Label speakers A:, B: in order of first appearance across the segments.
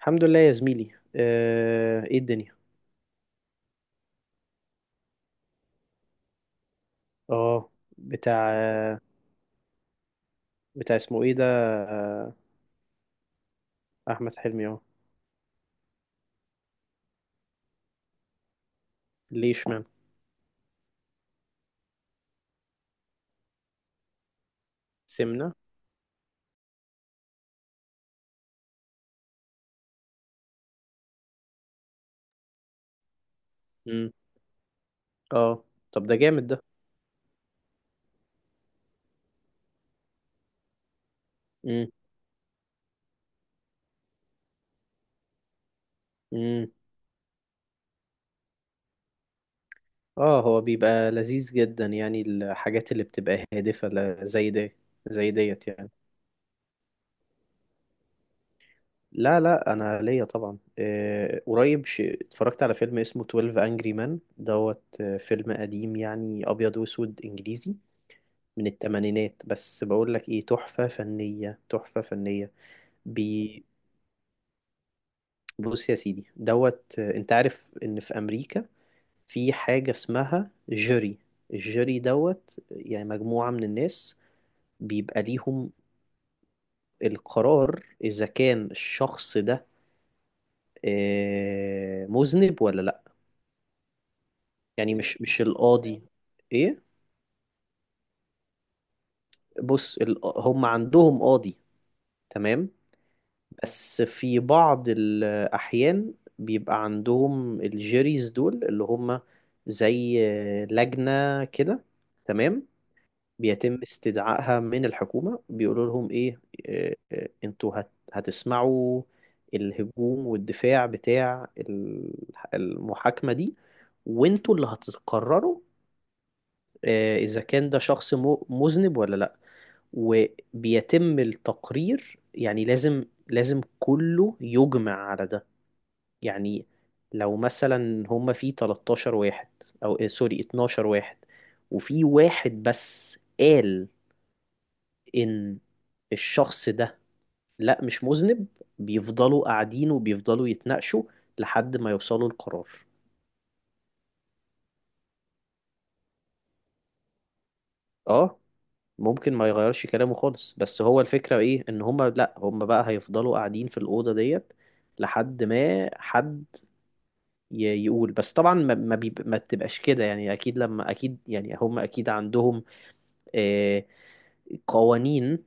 A: الحمد لله يا زميلي. ايه الدنيا؟ اه. بتاع آه، بتاع اسمه ايه ده؟ آه، احمد حلمي. اه، ليه؟ اشمعنى؟ سمنة. امم اه. طب ده جامد ده. امم امم اه. هو بيبقى لذيذ جدا، يعني الحاجات اللي بتبقى هادفة زي دي، زي ديت يعني. لا لا، انا ليا طبعا. قريب اتفرجت على فيلم اسمه 12 Angry Men دوت. فيلم قديم، يعني ابيض واسود، انجليزي، من التمانينات. بس بقول لك ايه، تحفة فنية تحفة فنية. بي بص يا سيدي دوت. انت عارف ان في امريكا في حاجة اسمها جوري. الجوري دوت، يعني مجموعة من الناس بيبقى ليهم القرار اذا كان الشخص ده مذنب ولا لا. يعني مش القاضي. ايه. بص، هم عندهم قاضي. تمام. بس في بعض الأحيان بيبقى عندهم الجيريز دول، اللي هم زي لجنة كده. تمام. بيتم استدعائها من الحكومة، بيقولوا لهم إيه، أنتوا هتسمعوا الهجوم والدفاع بتاع المحاكمة دي، وأنتوا اللي هتقرروا إذا كان ده شخص مذنب ولا لأ. وبيتم التقرير، يعني لازم كله يجمع على ده. يعني لو مثلا هما في 13 واحد، او إيه، سوري، 12 واحد، وفي واحد بس قال ان الشخص ده لا، مش مذنب، بيفضلوا قاعدين وبيفضلوا يتناقشوا لحد ما يوصلوا لقرار. اه، ممكن ما يغيرش كلامه خالص، بس هو الفكرة ايه، ان هما، لا، هما بقى هيفضلوا قاعدين في الأوضة ديت لحد ما حد يقول. بس طبعا ما بتبقاش كده، يعني اكيد، لما اكيد، يعني هم اكيد عندهم آه، قوانين.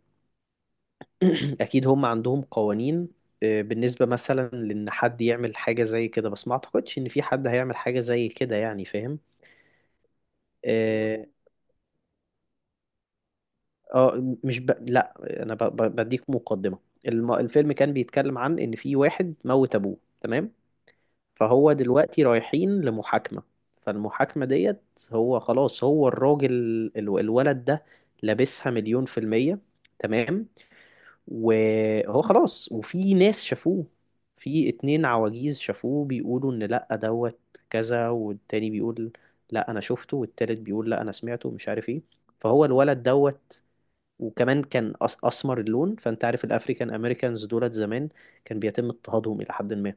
A: اكيد هم عندهم قوانين. بالنسبة مثلا لان حد يعمل حاجة زي كده، بس ما اعتقدش ان في حد هيعمل حاجة زي كده، يعني فاهم. اه. مش لا، انا بديك مقدمة. الفيلم كان بيتكلم عن ان في واحد موت ابوه. تمام. فهو دلوقتي رايحين لمحاكمة. فالمحاكمة ديت، هو خلاص، هو الولد ده لابسها مليون في المية. تمام. وهو خلاص، وفي ناس شافوه. في اتنين عواجيز شافوه بيقولوا ان لأ دوت. كذا، والتاني بيقول لأ انا شفته، والتالت بيقول لأ انا سمعته، مش عارف ايه. فهو الولد دوت، وكمان كان اسمر اللون، فانت عارف الافريكان امريكانز دولت زمان كان بيتم اضطهادهم الى حد ما.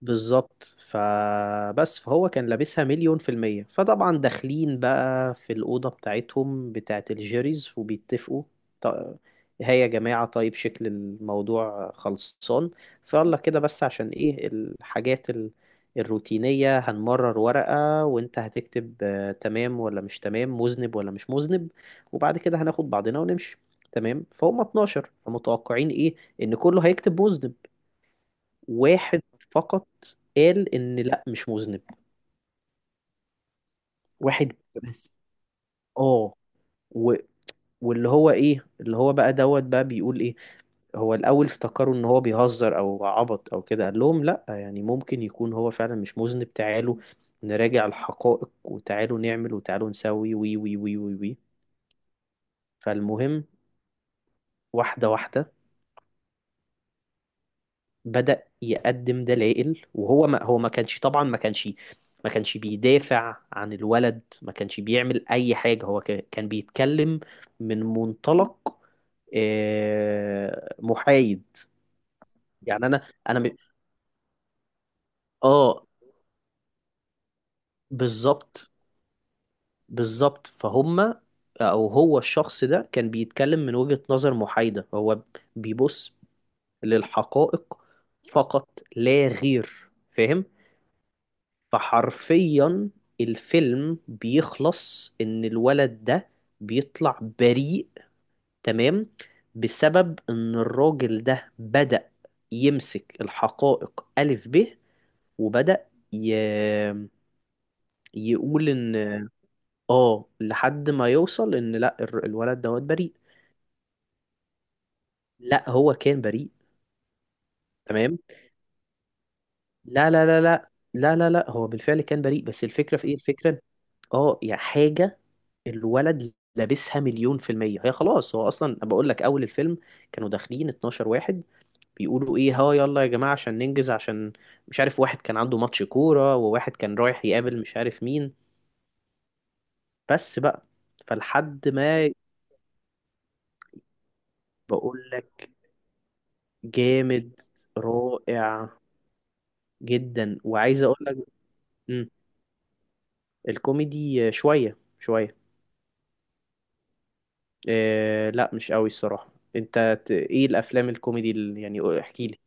A: بالظبط. فبس، فهو كان لابسها مليون في المية، فطبعا داخلين بقى في الأوضة بتاعتهم بتاعة الجيريز وبيتفقوا. ط- هيا يا جماعة، طيب، شكل الموضوع خلصان، فيلا كده. بس عشان ايه الحاجات الروتينية، هنمرر ورقة وانت هتكتب تمام ولا مش تمام، مذنب ولا مش مذنب، وبعد كده هناخد بعضنا ونمشي. تمام. فهم 12، فمتوقعين ايه، ان كله هيكتب مذنب. واحد فقط قال ان لا، مش مذنب. واحد بس، اه. و... واللي هو ايه، اللي هو بقى دوت بقى بيقول ايه. هو الاول افتكروا ان هو بيهزر او عبط او كده. قال لهم لا، يعني ممكن يكون هو فعلا مش مذنب، تعالوا نراجع الحقائق، وتعالوا نعمل، وتعالوا نسوي، وي وي وي وي وي. فالمهم، واحدة واحدة، بدأ يقدم دلائل. وهو ما كانش طبعا ما كانش ما كانش بيدافع عن الولد، ما كانش بيعمل أي حاجة. هو كان بيتكلم من منطلق محايد. يعني أنا آه بالظبط. بالظبط، فهم. أو هو الشخص ده كان بيتكلم من وجهة نظر محايدة، هو بيبص للحقائق فقط لا غير، فاهم. فحرفيا الفيلم بيخلص ان الولد ده بيطلع بريء. تمام. بسبب ان الراجل ده بدأ يمسك الحقائق ألف ب، وبدأ ي... يقول ان، اه، لحد ما يوصل ان لا، الولد دوت بريء. لا، هو كان بريء. تمام. لا لا لا لا لا لا لا، هو بالفعل كان بريء. بس الفكرة في ايه، الفكرة، اه، يا حاجة، الولد لابسها مليون في المية. هي خلاص، هو أصلا بقول لك، أول الفيلم كانوا داخلين 12 واحد، بيقولوا إيه، ها يلا يا جماعة عشان ننجز، عشان مش عارف، واحد كان عنده ماتش كورة، وواحد كان رايح يقابل مش عارف مين، بس بقى، فلحد ما. بقول لك، جامد، رائع جدا. وعايز أقول لك، مم، الكوميدي شوية شوية. إيه لا، مش قوي الصراحة. أنت إيه الأفلام الكوميدي يعني احكي لي.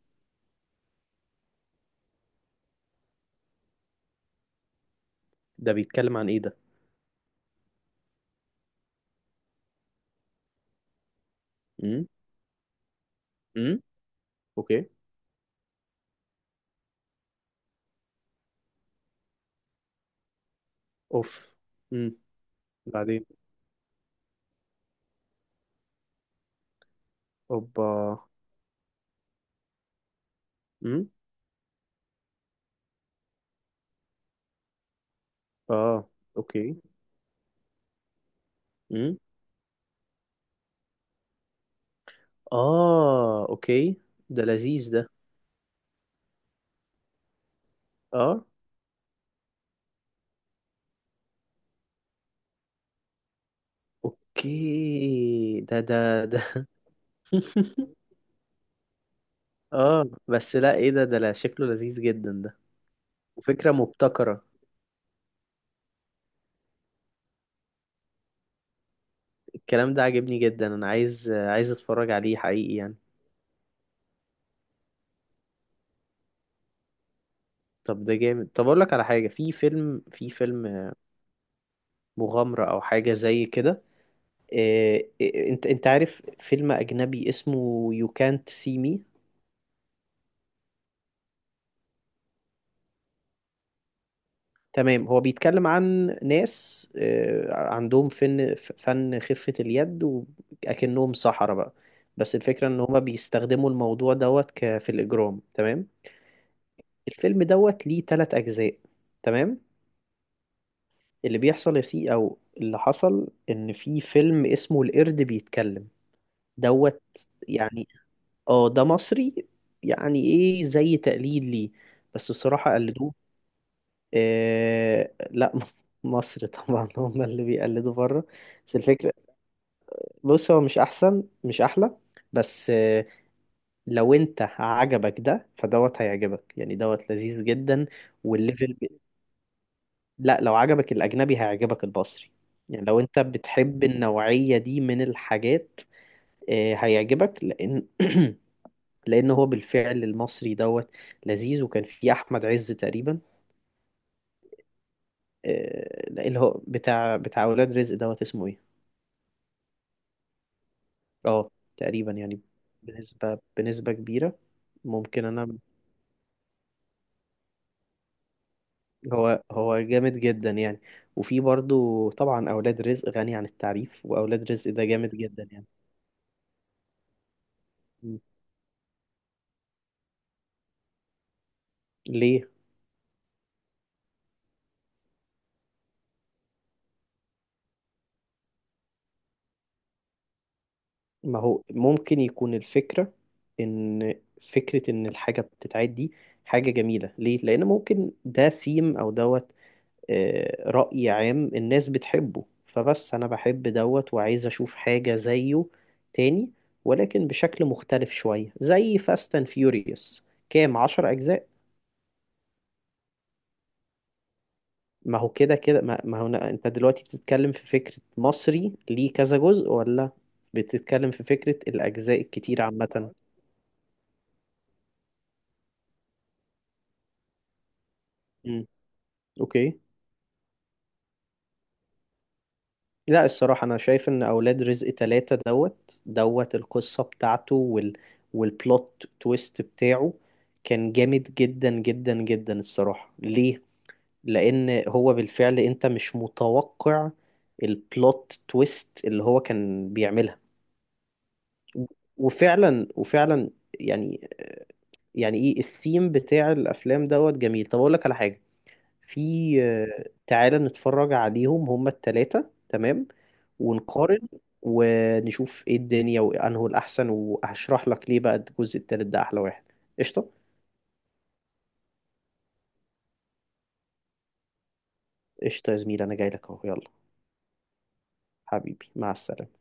A: ده بيتكلم عن إيه ده؟ مم؟ مم؟ اوكي. اوف. امم بعدين. اوبا. امم اه. اوكي. امم اه. اوكي، ده لذيذ ده. اه. اوكي، ده ده ده. اه بس لا، ايه ده، لا، شكله لذيذ جدا ده، وفكرة مبتكرة. الكلام ده عاجبني جدا، انا عايز اتفرج عليه حقيقي يعني. طب ده جامد، طب اقول لك على حاجة. في فيلم مغامرة او حاجة زي كده. إيه انت عارف فيلم اجنبي اسمه You Can't See Me. تمام، هو بيتكلم عن ناس عندهم فن، خفة اليد، وأكنهم سحرة بقى. بس الفكرة إن هما بيستخدموا الموضوع دوت في الإجرام. تمام. الفيلم دوت ليه تلات أجزاء. تمام. اللي بيحصل يا سي أو اللي حصل، إن في فيلم اسمه القرد بيتكلم دوت. يعني اه ده مصري. يعني ايه، زي تقليد ليه، بس الصراحة قلدوه. إيه لا، مصر طبعا هم اللي بيقلدوا بره. بس الفكرة، بص هو مش أحسن، مش أحلى، بس إيه، لو أنت عجبك ده فدوت هيعجبك، يعني دوت لذيذ جدا. والليفل لا، لو عجبك الأجنبي هيعجبك المصري. يعني لو أنت بتحب النوعية دي من الحاجات إيه، هيعجبك، لأن لأن هو بالفعل المصري دوت لذيذ، وكان فيه أحمد عز تقريبا. إيه، اللي هو بتاع أولاد رزق دوت، اسمه إيه. اه تقريبا يعني، بنسبة كبيرة. ممكن انا. هو جامد جدا يعني. وفي برضو طبعا اولاد رزق غني عن التعريف، واولاد رزق ده جامد جدا يعني. م. ليه؟ ما هو ممكن يكون الفكرة ان فكرة ان الحاجة بتتعاد دي حاجة جميلة، ليه، لان ممكن ده ثيم او دوت، رأي عام الناس بتحبه، فبس أنا بحب دوت وعايز أشوف حاجة زيه تاني، ولكن بشكل مختلف شوية، زي فاست اند فيوريوس، كام عشر أجزاء. ما هو كده كده، ما هو أنت دلوقتي بتتكلم في فكرة مصري ليه كذا جزء، ولا بتتكلم في فكرة الأجزاء الكتير عامة. مم. أوكي. لا الصراحة أنا شايف إن أولاد رزق تلاتة دوت دوت، القصة بتاعته والبلوت تويست بتاعه كان جامد جدا جدا جدا الصراحة. ليه؟ لأن هو بالفعل أنت مش متوقع البلوت تويست اللي هو كان بيعملها. وفعلا وفعلا يعني يعني إيه الثيم بتاع الأفلام دوت جميل. طب أقول لك على حاجة، في تعالى نتفرج عليهم هما التلاتة، تمام، ونقارن ونشوف ايه الدنيا وانه الأحسن، وهشرح لك ليه بقى الجزء التالت ده أحلى واحد. قشطة. قشطة يا زميلي، أنا جاي لك أهو، يلا. حبيبي، مع السلامة.